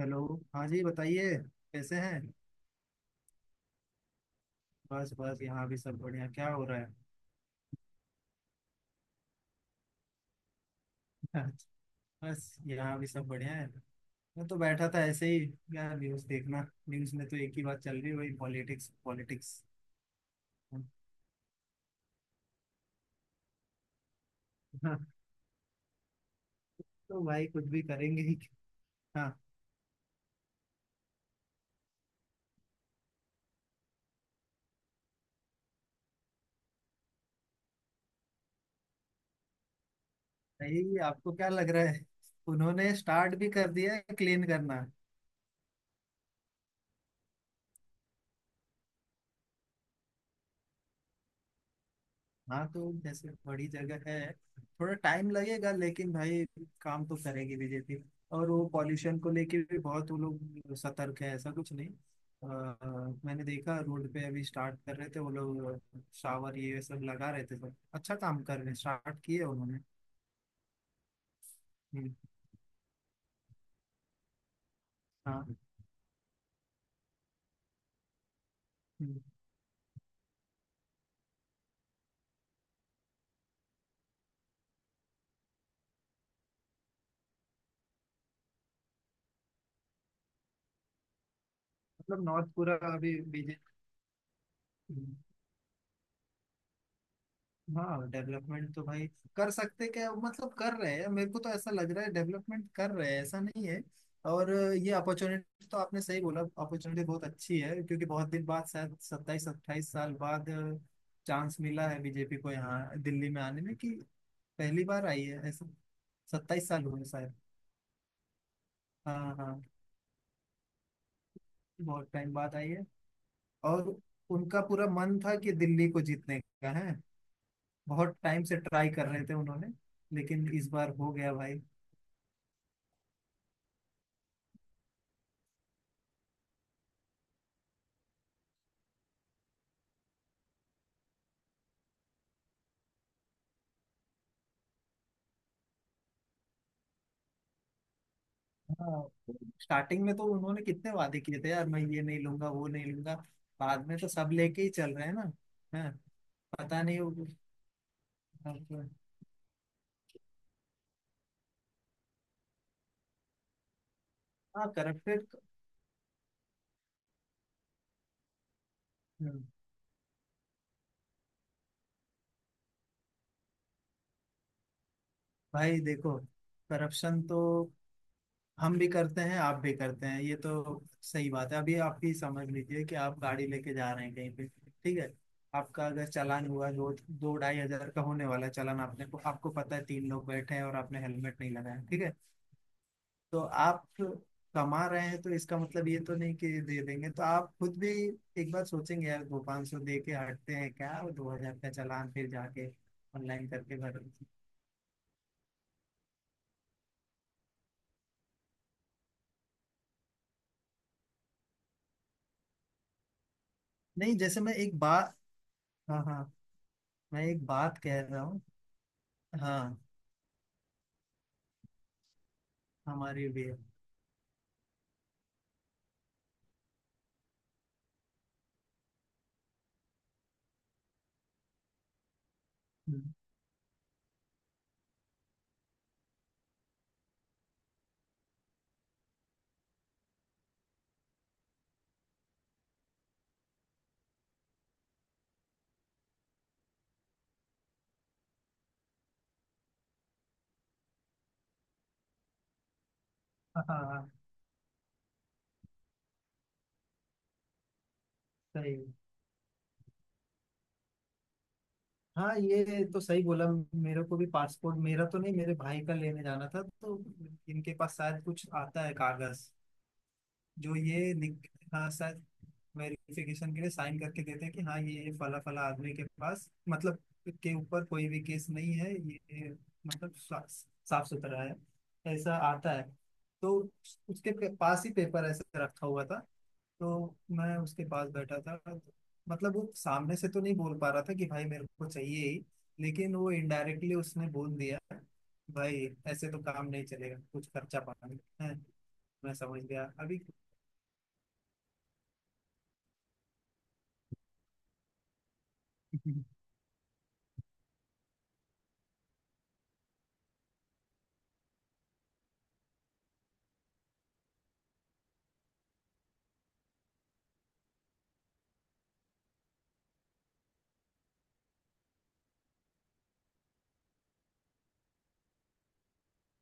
Hello. हाँ जी बताइए। कैसे हैं? बस बस यहाँ भी सब बढ़िया। क्या हो रहा है? बस यहाँ भी सब बढ़िया है। मैं तो बैठा था ऐसे ही। यार न्यूज़ देखना। न्यूज़ में तो एक ही बात चल रही है, वही पॉलिटिक्स पॉलिटिक्स। हाँ, तो भाई कुछ भी करेंगे ही। हाँ। यही आपको क्या लग रहा है? उन्होंने स्टार्ट भी कर दिया है क्लीन करना। हाँ, तो जैसे बड़ी जगह है, थोड़ा टाइम लगेगा। लेकिन भाई काम तो करेगी बीजेपी। और वो पॉल्यूशन को लेके भी बहुत वो लोग सतर्क है, ऐसा कुछ नहीं। मैंने देखा रोड पे अभी स्टार्ट कर रहे थे वो लोग। शावर ये सब लगा रहे थे, सब अच्छा काम कर रहे हैं, स्टार्ट किए उन्होंने। हम्म। हाँ। हम्म। मतलब नॉर्थ पूरा अभी बीजेपी। हाँ, डेवलपमेंट तो भाई कर सकते क्या, मतलब कर रहे हैं। मेरे को तो ऐसा लग रहा है डेवलपमेंट कर रहे हैं, ऐसा नहीं है। और ये अपॉर्चुनिटी तो आपने सही बोला, अपॉर्चुनिटी बहुत अच्छी है। क्योंकि बहुत दिन बाद, शायद 27 28 साल बाद चांस मिला है बीजेपी को यहाँ दिल्ली में आने में, कि पहली बार आई है ऐसा। 27 साल हुए शायद। हाँ हाँ। बहुत टाइम बाद आई है। और उनका पूरा मन था कि दिल्ली को जीतने का है। बहुत टाइम से ट्राई कर रहे थे उन्होंने, लेकिन इस बार हो गया भाई। हाँ। स्टार्टिंग में तो उन्होंने कितने वादे किए थे यार, मैं ये नहीं लूंगा वो नहीं लूंगा। बाद में तो सब लेके ही चल रहे हैं ना। हाँ। पता नहीं वो। हाँ, करप्टेड। भाई देखो, करप्शन तो हम भी करते हैं, आप भी करते हैं। ये तो सही बात है। अभी आप ही समझ लीजिए कि आप गाड़ी लेके जा रहे हैं कहीं पे। ठीक है। आपका अगर चालान हुआ दो दो ढाई हजार का होने वाला है चालान, आपने को आपको पता है तीन लोग बैठे हैं और आपने हेलमेट नहीं लगाया। ठीक है। तो आप कमा रहे हैं, तो इसका मतलब ये तो नहीं कि दे देंगे। तो आप खुद भी एक बार सोचेंगे यार, दो पाँच सौ दे के हटते हैं क्या, और 2000 का चालान फिर जाके ऑनलाइन करके भर। नहीं जैसे मैं एक बात। हाँ हाँ। मैं एक बात कह रहा हूँ। हाँ। हमारी भी है। हम्म। हाँ हाँ सही। हाँ ये तो सही बोला। मेरे को भी पासपोर्ट, मेरा तो नहीं, मेरे भाई का लेने जाना था। तो इनके पास शायद कुछ आता है कागज, जो हाँ शायद वेरिफिकेशन के लिए साइन करके देते हैं कि हाँ ये फला फला आदमी के पास, मतलब के ऊपर कोई भी केस नहीं है ये। मतलब साफ सुथरा है, ऐसा आता है। तो उसके पास ही पेपर ऐसे रखा हुआ था, तो मैं उसके पास बैठा था। मतलब वो सामने से तो नहीं बोल पा रहा था कि भाई मेरे को चाहिए ही, लेकिन वो इनडायरेक्टली उसने बोल दिया, भाई ऐसे तो काम नहीं चलेगा, कुछ खर्चा पानी है। मैं समझ गया अभी।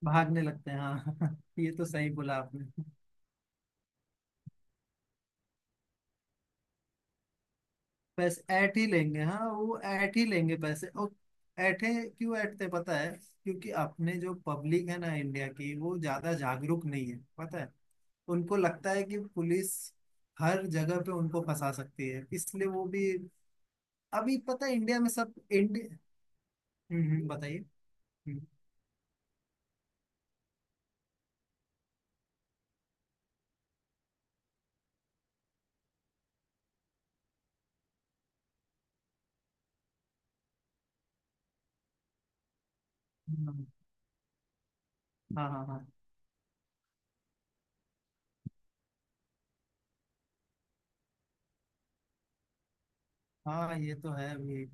भागने लगते हैं हाँ। ये तो सही बोला आपने। पैसे ऐट ही लेंगे, हाँ वो ऐट ही लेंगे पैसे। और ऐठे क्यों ऐठते पता है? क्योंकि अपने जो पब्लिक है ना इंडिया की, वो ज्यादा जागरूक नहीं है पता है। उनको लगता है कि पुलिस हर जगह पे उनको फंसा सकती है, इसलिए वो भी। अभी पता है इंडिया में सब इंडिया। बताइए। हम्म। हम्म। हाँ हाँ। हाँ हाँ ये तो है अभी।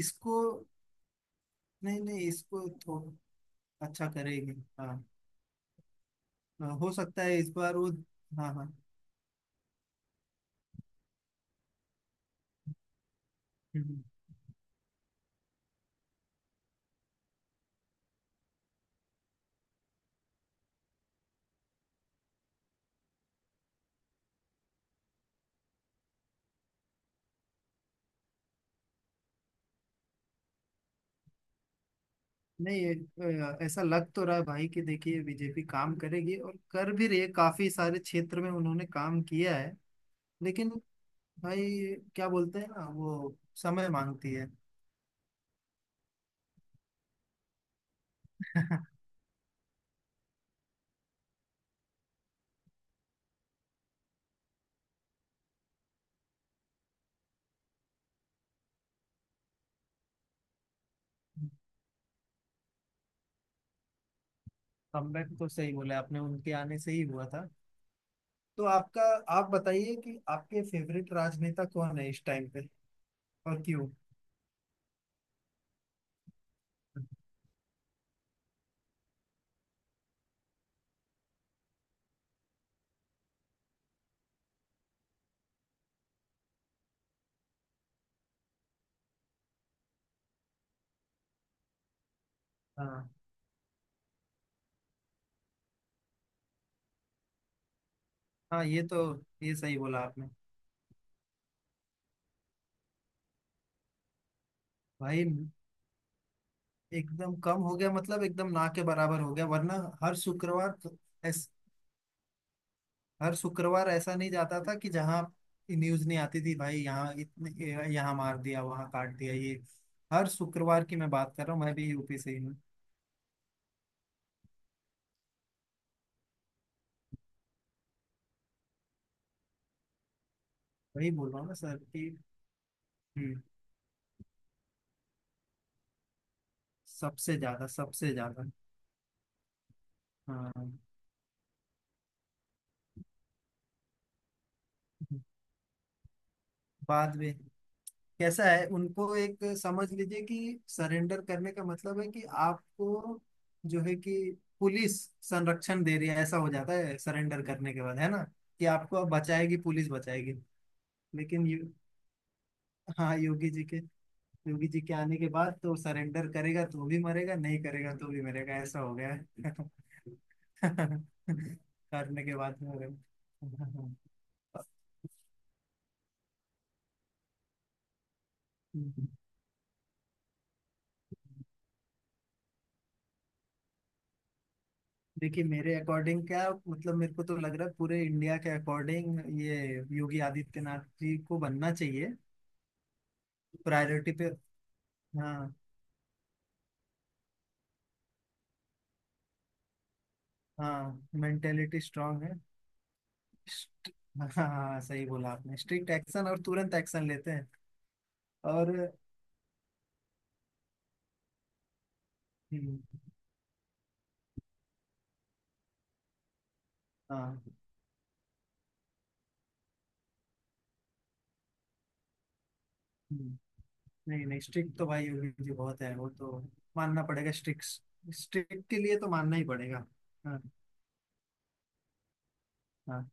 इसको। नहीं नहीं, इसको थोड़ा अच्छा करेगी हाँ। हाँ, हो सकता है इस बार वो। हाँ हाँ। हम्म। नहीं ऐसा लग तो रहा है भाई, कि देखिए बीजेपी काम करेगी और कर भी रही है, काफी सारे क्षेत्र में उन्होंने काम किया है। लेकिन भाई क्या बोलते हैं ना वो, समय मांगती है। कमबैक तो सही बोले आपने, उनके आने से ही हुआ था। तो आपका आप बताइए कि आपके फेवरेट राजनेता कौन है इस टाइम पे, और क्यों? हाँ हाँ ये तो। ये सही बोला आपने। भाई एकदम कम हो गया, मतलब एकदम ना के बराबर हो गया। वरना हर शुक्रवार तो ऐस, हर शुक्रवार ऐसा नहीं जाता था कि जहाँ न्यूज नहीं आती थी भाई। यहाँ इतने, यहाँ मार दिया वहाँ काट दिया ये। हर शुक्रवार की मैं बात कर रहा हूँ, मैं भी यूपी से ही हूँ। वही बोल रहा हूँ ना सर कि। हम्म। सबसे ज्यादा सबसे ज्यादा। हाँ। बाद में कैसा है, उनको एक समझ लीजिए कि सरेंडर करने का मतलब है कि आपको जो है कि पुलिस संरक्षण दे रही है, ऐसा हो जाता है सरेंडर करने के बाद है ना, कि आपको अब बचाएगी, पुलिस बचाएगी। लेकिन यो, हाँ योगी जी के आने के बाद तो सरेंडर करेगा तो भी मरेगा, नहीं करेगा तो भी मरेगा, ऐसा हो गया है। करने के बाद मरेगा। देखिए मेरे अकॉर्डिंग क्या, मतलब मेरे को तो लग रहा है पूरे इंडिया के अकॉर्डिंग ये योगी आदित्यनाथ जी को बनना चाहिए प्रायोरिटी पे। हाँ हाँ, मेंटेलिटी स्ट्रांग है। Strict- हाँ हाँ सही बोला आपने, स्ट्रिक्ट एक्शन और तुरंत एक्शन लेते हैं। और हम्म। हाँ। हम्म। नहीं नहीं, स्ट्रिक्ट तो भाई योगी जी बहुत है वो तो, मानना पड़ेगा स्ट्रिक्ट। स्ट्रिक्ट के लिए तो मानना ही पड़ेगा। हाँ हाँ,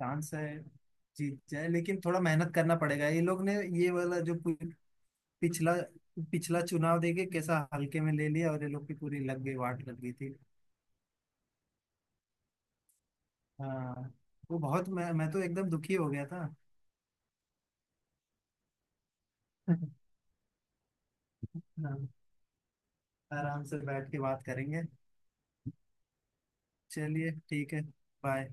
चांस है जीत जाए, लेकिन थोड़ा मेहनत करना पड़ेगा ये लोग ने। ये वाला जो पिछला पिछला चुनाव देके कैसा हल्के में ले लिया, और ये लोग की पूरी लग गई, वाट लग गई थी। हाँ। वो बहुत मैं तो एकदम दुखी हो गया था। हाँ, आराम से बैठ के बात करेंगे। चलिए ठीक है। बाय।